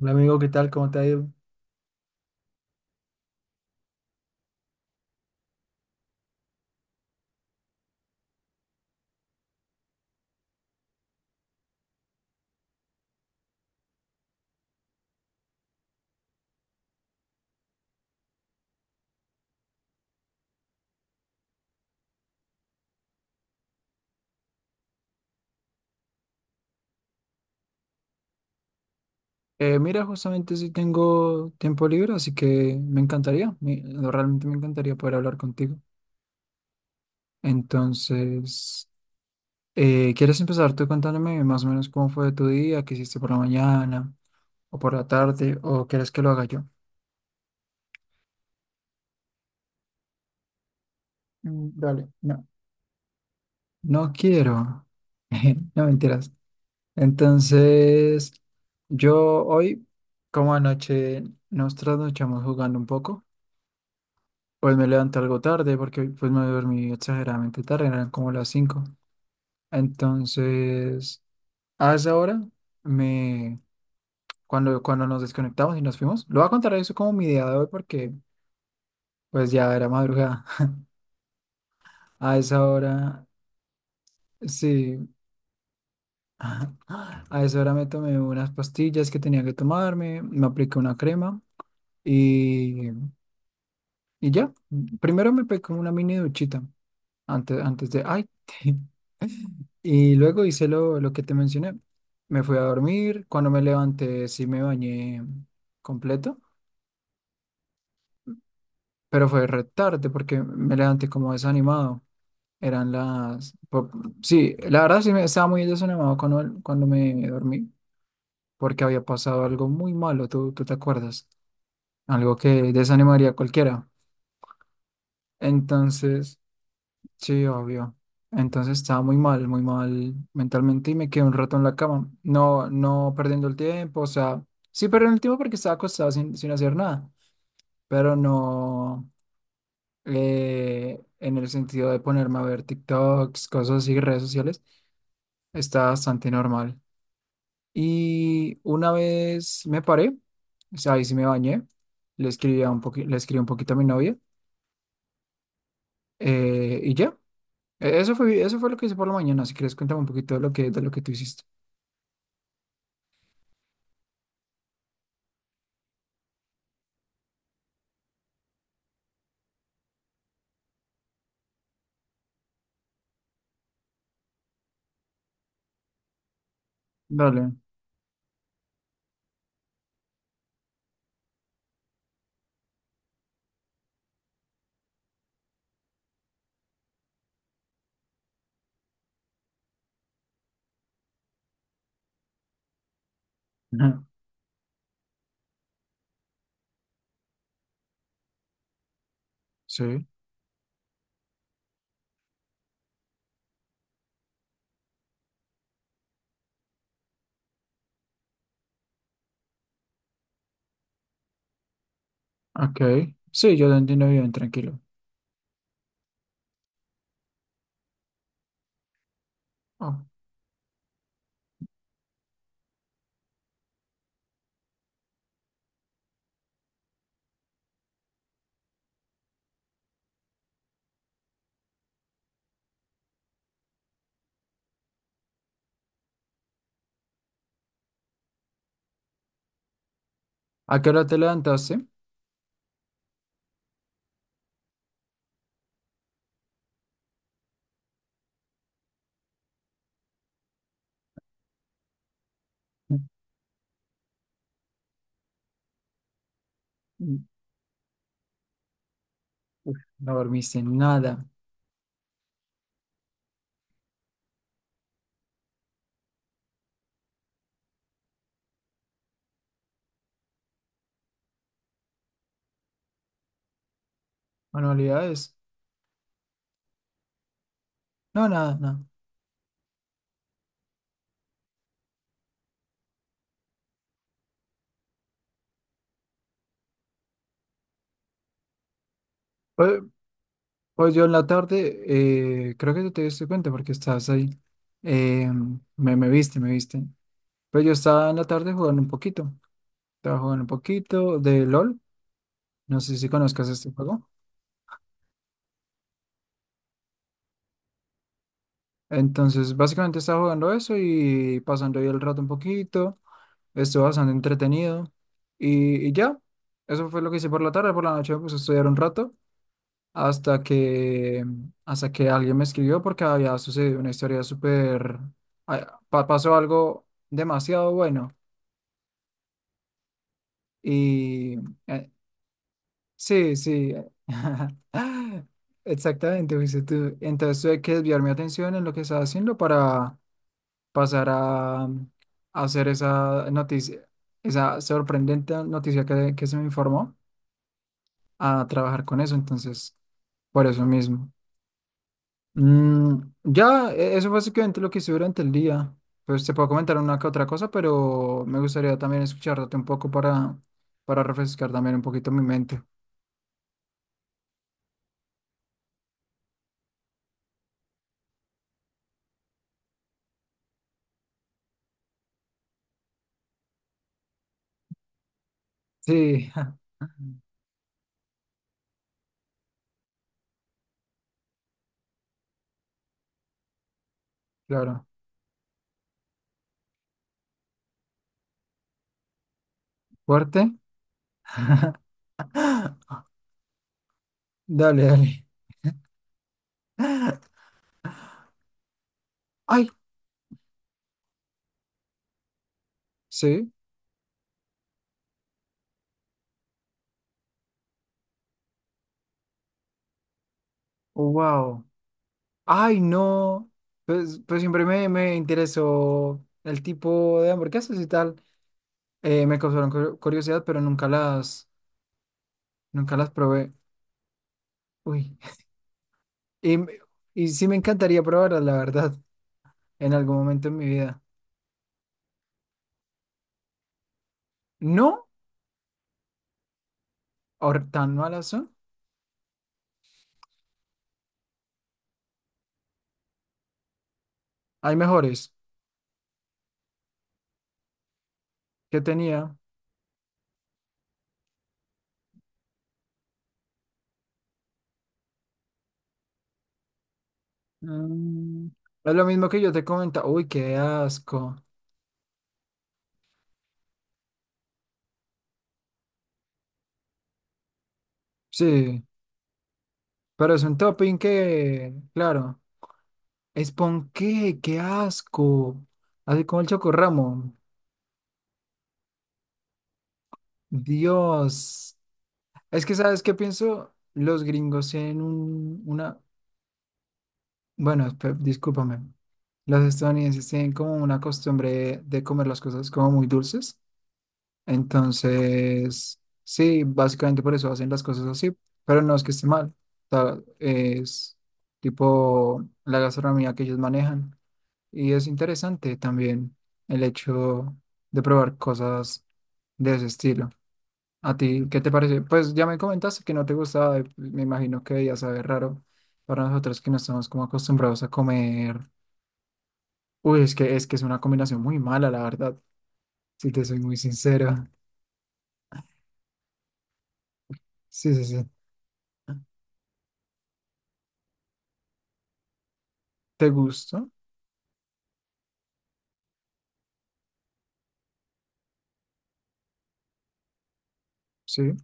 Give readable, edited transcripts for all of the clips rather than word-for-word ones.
Hola amigo, ¿qué tal? ¿Cómo te ha ido? Mira, justamente si tengo tiempo libre, así que me encantaría, realmente me encantaría poder hablar contigo. Entonces, ¿quieres empezar tú contándome más o menos cómo fue tu día, qué hiciste por la mañana o por la tarde, o quieres que lo haga yo? Mm, dale. No, no quiero. No, mentiras. Entonces, yo hoy, como anoche, nos trasnochamos jugando un poco. Pues me levanté algo tarde porque pues me dormí exageradamente tarde, eran como las cinco. Entonces, a esa hora, me, cuando nos desconectamos y nos fuimos, lo voy a contar eso como mi día de hoy porque pues ya era madrugada. A esa hora, sí, a esa hora me tomé unas pastillas que tenía que tomarme, me apliqué una crema y, y ya. Primero me pegué como una mini duchita antes, ay. Y luego hice lo que te mencioné. Me fui a dormir. Cuando me levanté, sí me bañé completo, pero fue re tarde porque me levanté como desanimado. Eran las... po- Sí, la verdad sí me estaba muy desanimado cuando me dormí porque había pasado algo muy malo. ¿Tú te acuerdas? Algo que desanimaría a cualquiera. Entonces... Sí, obvio. Entonces estaba muy mal mentalmente y me quedé un rato en la cama. No, no perdiendo el tiempo, o sea, sí perdiendo el tiempo porque estaba acostado sin hacer nada, pero no, en el sentido de ponerme a ver TikToks, cosas así, redes sociales, está bastante normal. Y una vez me paré, o sea, ahí sí me bañé, le escribí un poquito a mi novia, y ya. Eso fue lo que hice por la mañana. Si quieres, cuéntame un poquito de de lo que tú hiciste. Dale. Ajá. Sí, ok. Sí, yo te entiendo bien, tranquilo. Ah, ¿a qué hora te levantaste? Mm, uf, no dormiste nada. ¿Manualidades? No, nada, nada. Pues, pues yo en la tarde, creo que tú te diste cuenta porque estabas ahí. Eh, me viste, me viste. Pues yo estaba en la tarde jugando un poquito. Estaba jugando un poquito de LOL. No sé si conozcas este juego. Entonces, básicamente estaba jugando eso y pasando ahí el rato un poquito. Estuvo bastante entretenido. Y ya, eso fue lo que hice por la tarde. Por la noche me puse a estudiar un rato hasta que, hasta que alguien me escribió porque había sucedido una historia súper... ah, pasó algo demasiado bueno. Y eh, sí, sí. Exactamente, fuiste tú. Entonces tuve que desviar mi atención en lo que estaba haciendo para pasar a hacer esa noticia, esa sorprendente noticia que se me informó, a trabajar con eso, entonces, por eso mismo. Mm, ya, eso fue básicamente lo que hice durante el día. Pues te puedo comentar una que otra cosa, pero me gustaría también escucharte un poco para refrescar también un poquito mi mente. Sí, claro. ¿Fuerte? Dale, dale. Ay, sí. Wow. Ay, no. Pues siempre me interesó el tipo de hamburguesas y tal. Me causaron curiosidad, pero nunca las... nunca las probé. Uy. Y, y sí me encantaría probarlas, la verdad, en algún momento en mi vida. No, tan malas son. Hay mejores que tenía. Mm, es lo mismo que yo te comentaba. Uy, qué asco. Sí, pero es un topping que, claro, es ponqué, qué asco. Así como el chocorramo. Dios. Es que, ¿sabes qué pienso? Los gringos tienen bueno, discúlpame. Los estadounidenses tienen como una costumbre de comer las cosas como muy dulces. Entonces, sí, básicamente por eso hacen las cosas así. Pero no es que esté mal. Es tipo la gastronomía que ellos manejan. Y es interesante también el hecho de probar cosas de ese estilo. ¿A ti qué te parece? Pues ya me comentaste que no te gustaba, y me imagino que ya sabe raro para nosotros que no estamos como acostumbrados a comer. Uy, es que, es que es una combinación muy mala, la verdad, si te soy muy sincera. Sí, sí, sí. ¿Te gusta? Sí.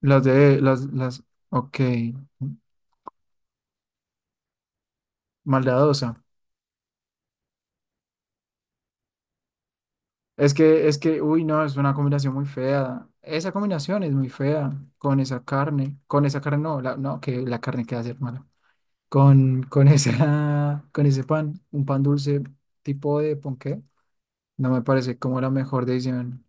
Las de, las, ok, maldadosa. Es que, uy, no, es una combinación muy fea. Esa combinación es muy fea con esa carne no, no, que la carne queda ser mala. Con esa, con ese pan, un pan dulce tipo de ponqué, no me parece como la mejor decisión.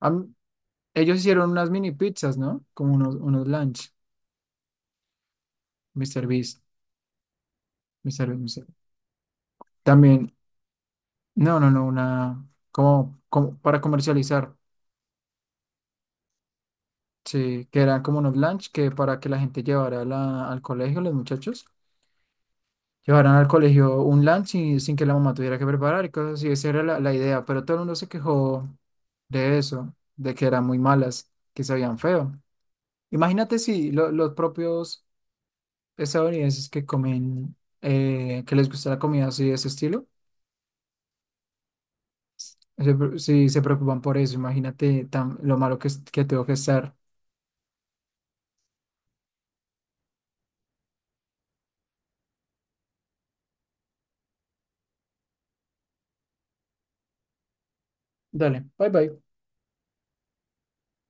Am- ellos hicieron unas mini pizzas, ¿no? Como unos, unos lunch. Mr. Beast, Mr. Beast, Mr. También, no, no, no, una, como, como para comercializar, sí, que eran como unos lunch que para que la gente llevara al colegio, los muchachos, llevaran al colegio un lunch sin que la mamá tuviera que preparar y cosas así, esa era la idea, pero todo el mundo se quejó de eso, de que eran muy malas, que sabían feo. Imagínate si los propios estadounidenses que comen, que les gusta la comida así de ese estilo, sí, se preocupan por eso. Imagínate tan, lo malo que, que tengo que estar. Dale, bye bye.